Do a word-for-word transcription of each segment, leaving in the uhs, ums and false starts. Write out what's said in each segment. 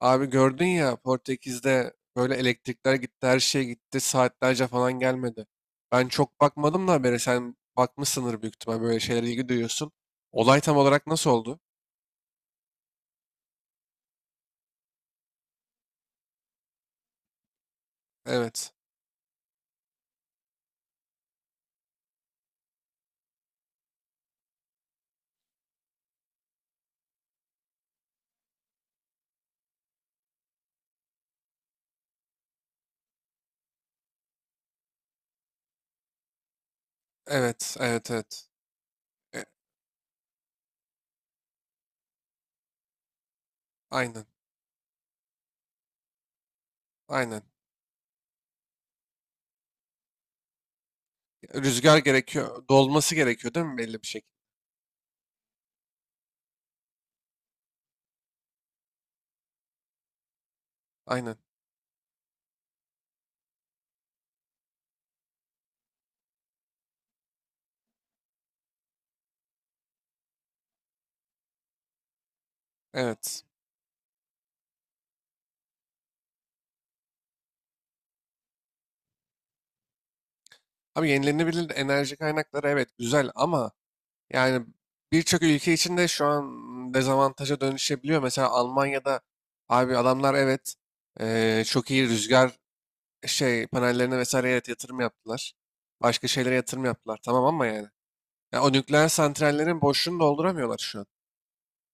Abi gördün ya, Portekiz'de böyle elektrikler gitti, her şey gitti, saatlerce falan gelmedi. Ben çok bakmadım da habere, sen bakmışsındır büyük ihtimal, böyle şeylere ilgi duyuyorsun. Olay tam olarak nasıl oldu? Evet, evet, evet, evet. E, aynen, aynen. Rüzgar gerekiyor, dolması gerekiyor değil mi belli bir şekilde? Aynen, evet. Abi, yenilenebilir enerji kaynakları, evet, güzel ama yani birçok ülke için de şu an dezavantaja dönüşebiliyor. Mesela Almanya'da, abi, adamlar evet, eee, çok iyi rüzgar şey panellerine vesaire, evet, yatırım yaptılar. Başka şeylere yatırım yaptılar. Tamam ama yani. Ya o nükleer santrallerin boşluğunu dolduramıyorlar şu an.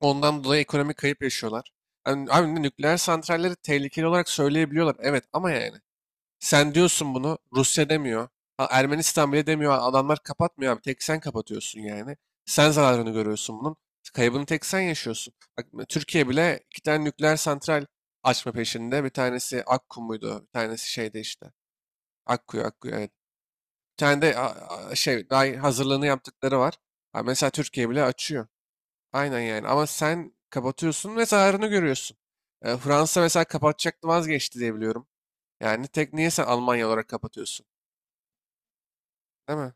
Ondan dolayı ekonomik kayıp yaşıyorlar. Yani, abi, nükleer santralleri tehlikeli olarak söyleyebiliyorlar. Evet ama yani. Sen diyorsun bunu. Rusya demiyor. Ha, Ermenistan bile demiyor. Adamlar kapatmıyor abi. Tek sen kapatıyorsun yani. Sen zararını görüyorsun bunun. Kaybını tek sen yaşıyorsun. Bak, Türkiye bile iki tane nükleer santral açma peşinde. Bir tanesi Akku muydu? Bir tanesi şeyde işte. Akkuyu, Akkuyu evet. Bir tane de a- a- şey daha, hazırlığını yaptıkları var. Ha, mesela Türkiye bile açıyor. Aynen yani. Ama sen kapatıyorsun ve zararını görüyorsun. E, Fransa mesela kapatacaktı, vazgeçti diye biliyorum. Yani tek niye sen Almanya olarak kapatıyorsun? Değil mi?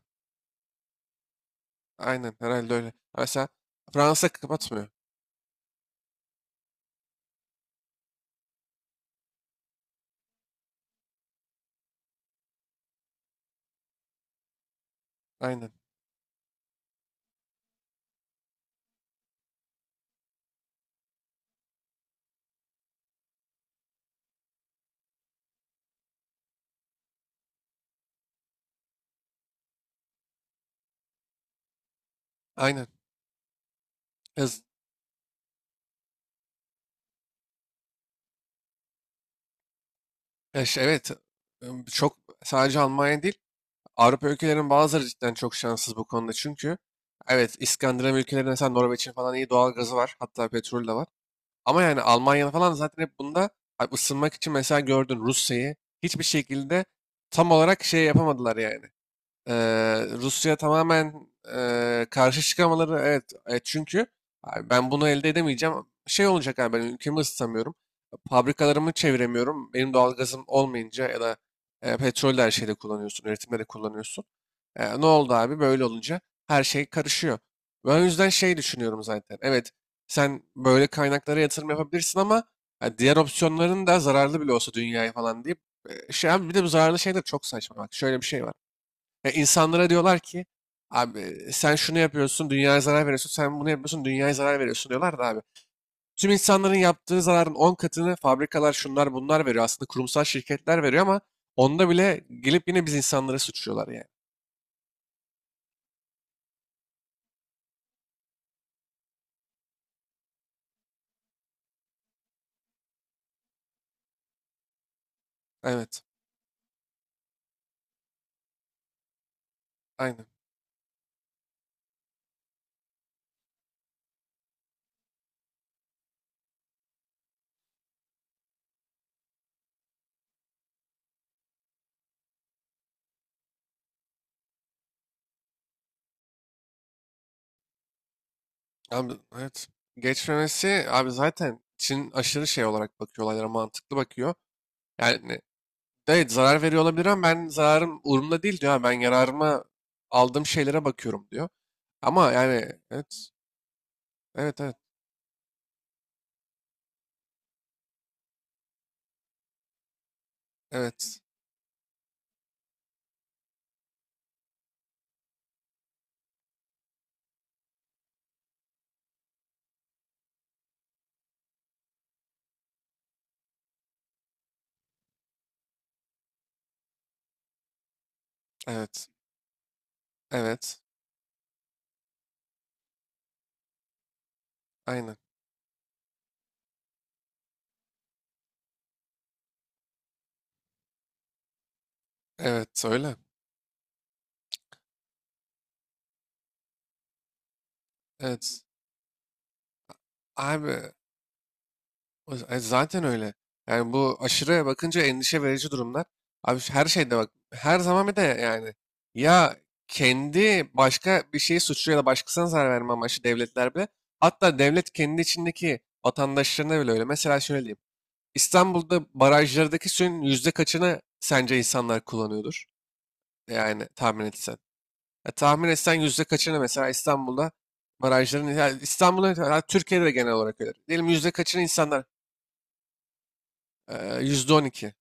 Aynen, herhalde öyle. Mesela Fransa kapatmıyor. Aynen. Aynen. Yaz- ya şey, evet. Im, Çok, sadece Almanya değil. Avrupa ülkelerinin bazıları cidden çok şanssız bu konuda. Çünkü evet, İskandinav ülkelerinde mesela Norveç'in falan iyi doğal gazı var. Hatta petrol de var. Ama yani Almanya falan zaten hep bunda, hani ısınmak için mesela, gördün Rusya'yı, hiçbir şekilde tam olarak şey yapamadılar yani. Eee, Rusya tamamen, eee, karşı çıkamaları, evet, evet, çünkü abi ben bunu elde edemeyeceğim. Şey olacak, abi ben ülkemi ısıtamıyorum. Fabrikalarımı çeviremiyorum. Benim doğalgazım olmayınca ya da e, petrol de her şeyde kullanıyorsun. Üretimde de kullanıyorsun. E, ne oldu abi, böyle olunca her şey karışıyor. Ben o yüzden şey düşünüyorum zaten. Evet, sen böyle kaynaklara yatırım yapabilirsin ama, ha, diğer opsiyonların da zararlı bile olsa dünyaya falan deyip, e, şey abi, bir de bu zararlı şeyler çok saçma. Bak, şöyle bir şey var. Ya, insanlara diyorlar ki abi sen şunu yapıyorsun dünyaya zarar veriyorsun, sen bunu yapıyorsun dünyaya zarar veriyorsun diyorlar da abi. Tüm insanların yaptığı zararın on katını fabrikalar, şunlar bunlar veriyor. Aslında kurumsal şirketler veriyor ama onda bile gelip yine biz insanları suçluyorlar yani. Evet. Aynen. Abi evet. Geçmemesi abi, zaten Çin aşırı şey olarak bakıyor olaylara, mantıklı bakıyor. Yani evet, zarar veriyor olabilir ama ben zararım umurumda değil diyor. "Ha, ben yararıma aldığım şeylere bakıyorum" diyor. Ama yani evet. Evet, evet, evet, evet, evet, aynen, evet, öyle, evet, abi, o- e, zaten öyle yani. Bu aşırıya bakınca endişe verici durumlar, abi, şu- her şeyde bak, her zaman bir de yani, ya, kendi başka bir şeyi suçlu ya da başkasına zarar verme amaçlı devletler bile, hatta devlet kendi içindeki vatandaşlarına bile öyle. Mesela şöyle diyeyim: İstanbul'da barajlardaki suyun yüzde kaçını sence insanlar kullanıyordur, yani tahmin etsen? Ya tahmin etsen yüzde kaçını mesela, İstanbul'da barajların, ya İstanbul'da, ya Türkiye'de de genel olarak öyle. Diyelim yüzde kaçını insanlar, eee, yüzde on iki.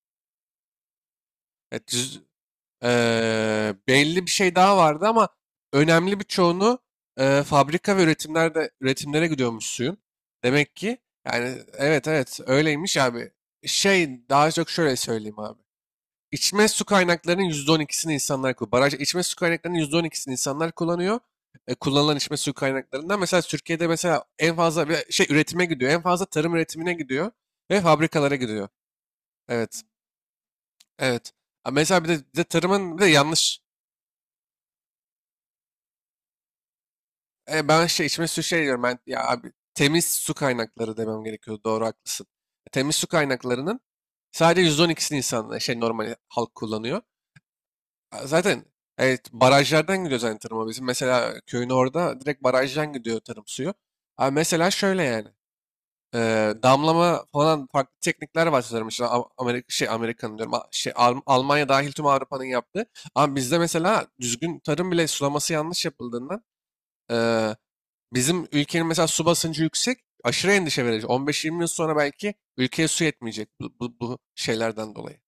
Evet, yüz- eee, belli bir şey daha vardı ama, önemli bir çoğunu eee, fabrika ve üretimlerde, üretimlere gidiyormuş suyun. Demek ki, yani, evet, evet öyleymiş abi. Şey, daha çok şöyle söyleyeyim abi. İçme su kaynaklarının yüzde on ikisini insanlar kullanıyor. Baraj içme su kaynaklarının yüzde on ikisini insanlar kullanıyor. E, kullanılan içme su kaynaklarından mesela Türkiye'de, mesela en fazla bir şey üretime gidiyor. En fazla tarım üretimine gidiyor ve fabrikalara gidiyor. Evet. Evet. Ha, mesela bir de, bir de tarımın bir de yanlış. E, ben şey içme su şey diyorum, ben ya abi temiz su kaynakları demem gerekiyor. Doğru, haklısın. Temiz su kaynaklarının sadece yüzde on ikisini insanlar şey, normal halk kullanıyor. A, Zaten evet, barajlardan gidiyor zaten tarıma bizim. Mesela köyün orada direkt barajdan gidiyor tarım suyu. Abi mesela şöyle yani. e, Damlama falan farklı teknikler var sanırım. İşte Amerika, şey Amerika'nın diyorum. A- Şey, Al- Almanya dahil tüm Avrupa'nın yaptığı. Ama bizde mesela düzgün tarım bile sulaması yanlış yapıldığından, e, bizim ülkenin mesela su basıncı yüksek. Aşırı endişe verici. on beş yirmi yıl sonra belki ülkeye su yetmeyecek, bu, bu, bu şeylerden dolayı.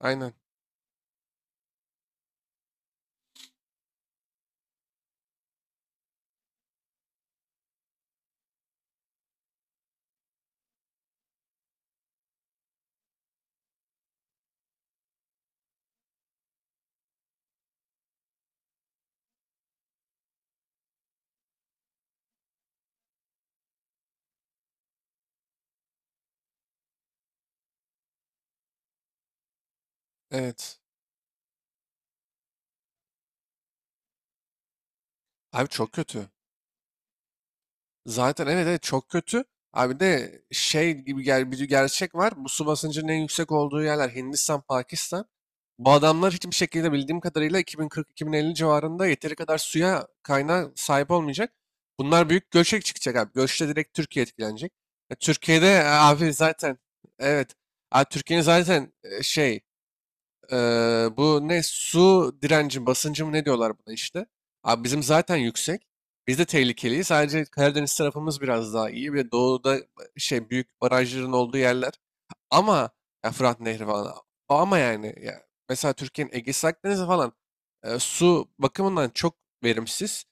Aynen. Evet. Abi çok kötü. Zaten evet, evet çok kötü. Abi de şey gibi, gel bir gerçek var. Bu su basıncının en yüksek olduğu yerler Hindistan, Pakistan. Bu adamlar hiçbir şekilde bildiğim kadarıyla iki bin kırk-iki bin elli civarında yeteri kadar suya kaynağı sahip olmayacak. Bunlar büyük göçe çıkacak abi. Göçte direkt Türkiye etkilenecek. E, Türkiye'de e, abi zaten evet. Abi Türkiye'nin zaten e, şey Eee, bu ne, su direnci basıncı mı ne diyorlar buna işte. Abi bizim zaten yüksek. Biz de tehlikeliyiz. Sadece Karadeniz tarafımız biraz daha iyi ve doğuda, şey, büyük barajların olduğu yerler. Ama ya, Fırat Nehri falan. Ama yani ya, mesela Türkiye'nin Ege'si Akdeniz'i falan, e, su bakımından çok verimsiz,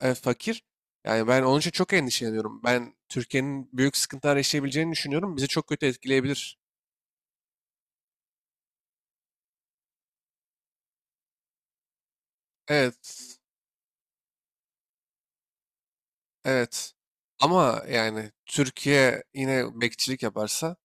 e, fakir. Yani ben onun için çok endişeleniyorum. Ben Türkiye'nin büyük sıkıntılar yaşayabileceğini düşünüyorum. Bizi çok kötü etkileyebilir. Evet. Evet. Ama yani Türkiye yine bekçilik yaparsa